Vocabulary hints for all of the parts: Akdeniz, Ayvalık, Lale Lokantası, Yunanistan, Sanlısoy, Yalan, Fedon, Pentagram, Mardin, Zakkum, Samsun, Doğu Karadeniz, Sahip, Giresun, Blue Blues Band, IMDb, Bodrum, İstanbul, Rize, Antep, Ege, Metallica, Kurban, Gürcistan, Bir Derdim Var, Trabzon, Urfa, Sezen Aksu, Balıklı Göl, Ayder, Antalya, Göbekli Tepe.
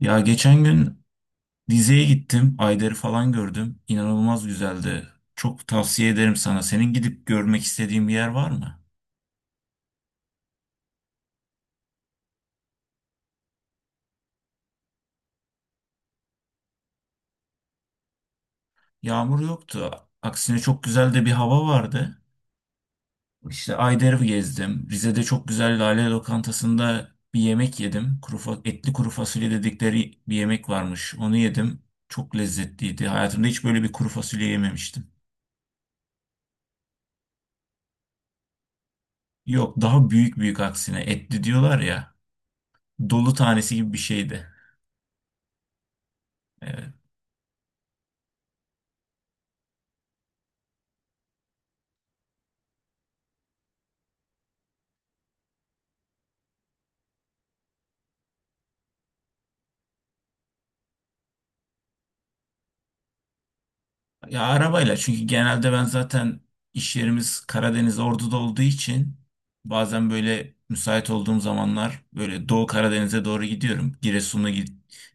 Ya geçen gün dizeye gittim. Ayder'i falan gördüm. İnanılmaz güzeldi. Çok tavsiye ederim sana. Senin gidip görmek istediğin bir yer var mı? Yağmur yoktu. Aksine çok güzel de bir hava vardı. İşte Ayder'i gezdim. Rize'de çok güzel Lale Lokantası'nda bir yemek yedim. Etli kuru fasulye dedikleri bir yemek varmış. Onu yedim. Çok lezzetliydi. Hayatımda hiç böyle bir kuru fasulye yememiştim. Yok, daha büyük büyük aksine. Etli diyorlar ya. Dolu tanesi gibi bir şeydi. Evet. Ya arabayla, çünkü genelde ben zaten iş yerimiz Karadeniz Ordu'da olduğu için bazen böyle müsait olduğum zamanlar böyle Doğu Karadeniz'e doğru gidiyorum.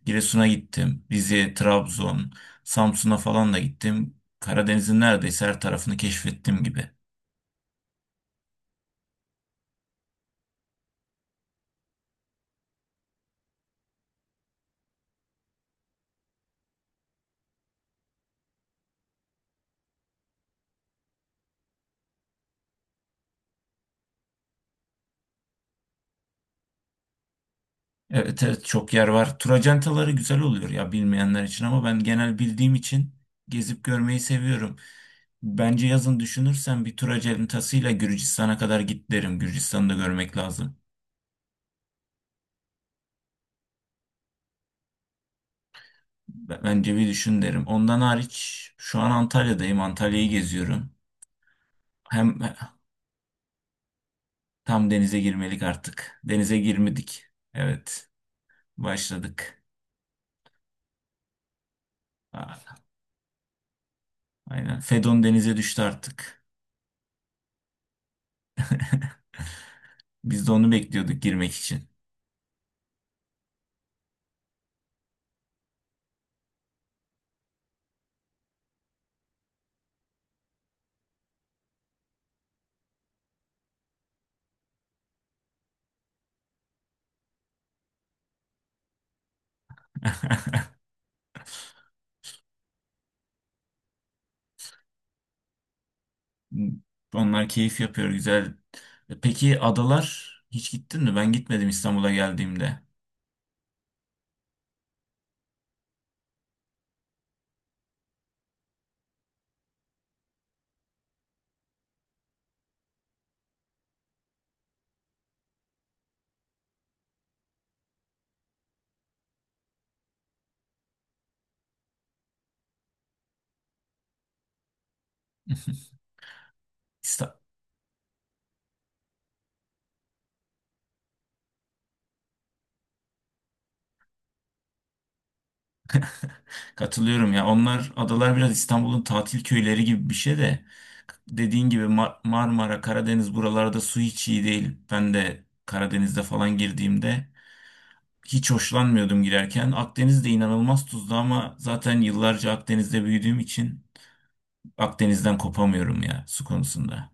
Giresun'a gittim. Rize, Trabzon, Samsun'a falan da gittim. Karadeniz'in neredeyse her tarafını keşfettim gibi. Evet evet, çok yer var. Tur acentaları güzel oluyor ya bilmeyenler için ama ben genel bildiğim için gezip görmeyi seviyorum. Bence yazın düşünürsen bir tur aceletasıyla Gürcistan'a kadar git derim. Gürcistan'ı da görmek lazım. Bence bir düşün derim. Ondan hariç şu an Antalya'dayım. Antalya'yı geziyorum. Hem tam denize girmelik artık. Denize girmedik. Evet, başladık. Aa, aynen. Fedon denize düştü artık. Biz de onu bekliyorduk girmek için. Hmm. Onlar keyif yapıyor, güzel. Peki adalar hiç gittin mi? Ben gitmedim İstanbul'a geldiğimde. İsta- Katılıyorum ya. Onlar adalar biraz İstanbul'un tatil köyleri gibi bir şey de dediğin gibi Marmara, Karadeniz buralarda su hiç iyi değil. Ben de Karadeniz'de falan girdiğimde hiç hoşlanmıyordum girerken. Akdeniz de inanılmaz tuzlu ama zaten yıllarca Akdeniz'de büyüdüğüm için Akdeniz'den kopamıyorum ya su konusunda.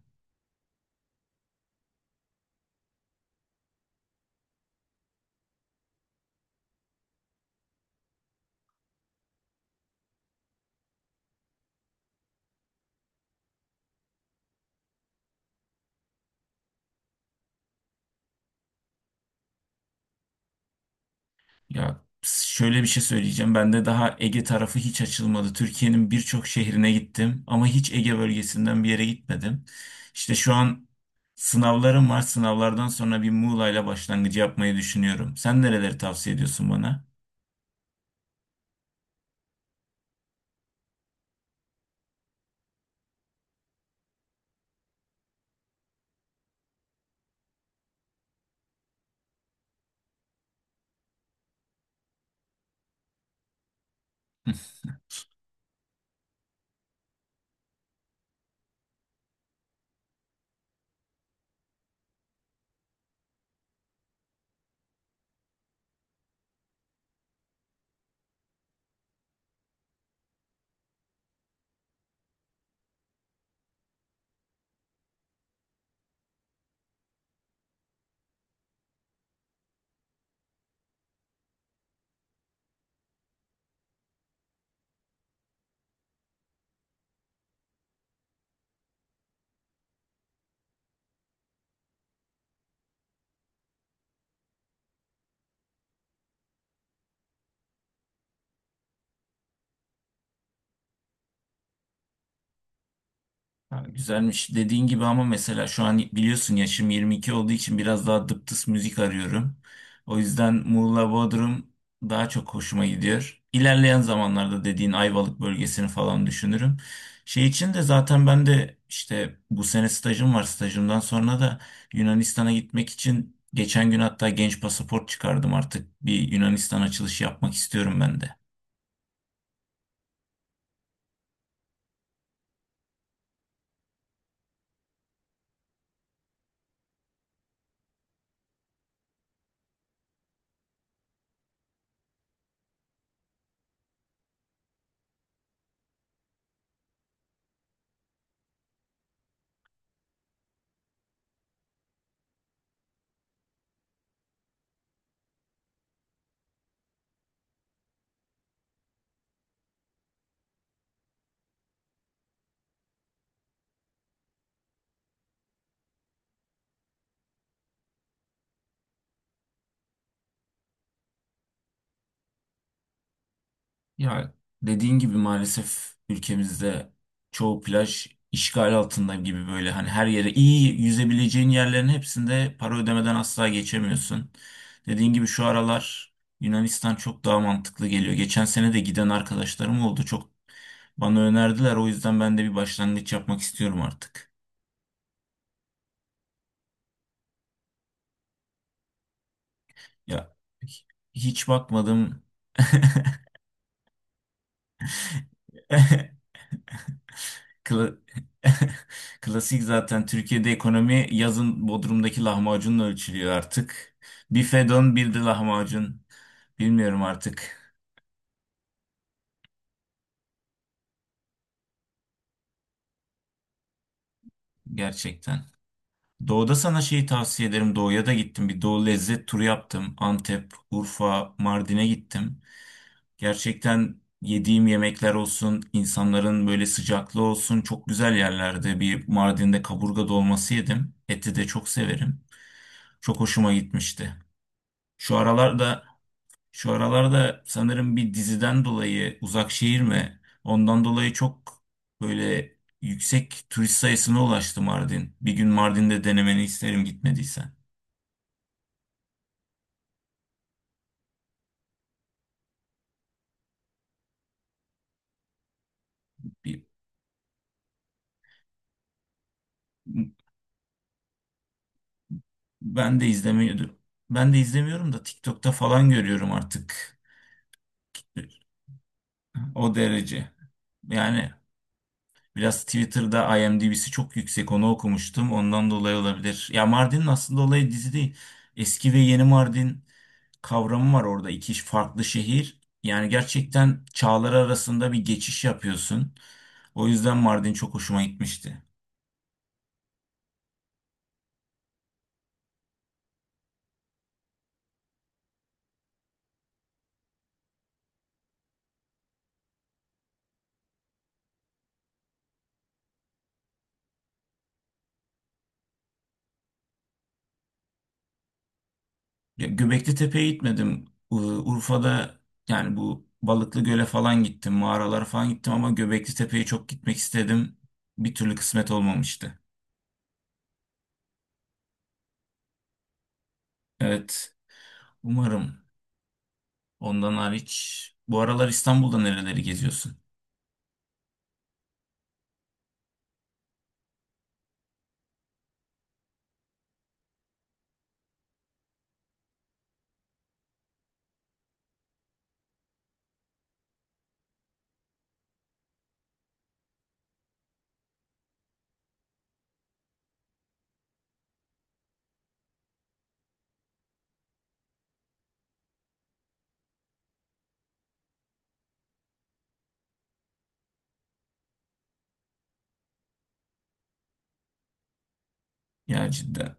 Ya şöyle bir şey söyleyeceğim. Ben de daha Ege tarafı hiç açılmadı. Türkiye'nin birçok şehrine gittim ama hiç Ege bölgesinden bir yere gitmedim. İşte şu an sınavlarım var. Sınavlardan sonra bir Muğla'yla başlangıcı yapmayı düşünüyorum. Sen nereleri tavsiye ediyorsun bana? Ha, güzelmiş. Dediğin gibi ama mesela şu an biliyorsun yaşım 22 olduğu için biraz daha dıptıs müzik arıyorum. O yüzden Muğla Bodrum daha çok hoşuma gidiyor. İlerleyen zamanlarda dediğin Ayvalık bölgesini falan düşünürüm. Şey için de zaten ben de işte bu sene stajım var. Stajımdan sonra da Yunanistan'a gitmek için geçen gün hatta genç pasaport çıkardım artık. Bir Yunanistan açılışı yapmak istiyorum ben de. Ya dediğin gibi maalesef ülkemizde çoğu plaj işgal altında gibi, böyle hani her yere iyi yüzebileceğin yerlerin hepsinde para ödemeden asla geçemiyorsun. Dediğin gibi şu aralar Yunanistan çok daha mantıklı geliyor. Geçen sene de giden arkadaşlarım oldu. Çok bana önerdiler. O yüzden ben de bir başlangıç yapmak istiyorum artık. Ya hiç bakmadım. Kla- Klasik zaten Türkiye'de ekonomi yazın Bodrum'daki lahmacunla ölçülüyor artık. Bir fedon bir de lahmacun. Bilmiyorum artık gerçekten. Doğu'da sana şeyi tavsiye ederim. Doğu'ya da gittim. Bir Doğu lezzet turu yaptım. Antep, Urfa, Mardin'e gittim. Gerçekten yediğim yemekler olsun, insanların böyle sıcaklığı olsun, çok güzel yerlerde. Bir Mardin'de kaburga dolması yedim. Eti de çok severim. Çok hoşuma gitmişti. Şu aralarda Şu aralarda sanırım bir diziden dolayı uzak şehir mi? Ondan dolayı çok böyle yüksek turist sayısına ulaştı Mardin. Bir gün Mardin'de denemeni isterim gitmediysen. Bir, ben de izlemiyordum. Ben de izlemiyorum da TikTok'ta falan görüyorum artık. O derece. Yani Biraz Twitter'da IMDb'si çok yüksek, onu okumuştum. Ondan dolayı olabilir. Ya Mardin'in aslında olayı dizi değil. Eski ve yeni Mardin kavramı var orada. İki farklı şehir. Yani gerçekten çağlar arasında bir geçiş yapıyorsun. O yüzden Mardin çok hoşuma gitmişti. Ya Göbekli Tepe'ye gitmedim. Urfa'da yani bu Balıklı Göl'e falan gittim. Mağaralara falan gittim ama Göbekli Tepe'ye çok gitmek istedim. Bir türlü kısmet olmamıştı. Evet. Umarım. Ondan hariç bu aralar İstanbul'da nereleri geziyorsun? Ya cidden.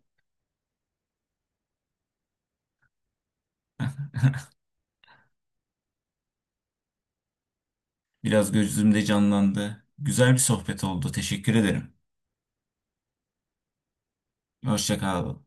Biraz gözümde canlandı. Güzel bir sohbet oldu. Teşekkür ederim. Hoşça kal.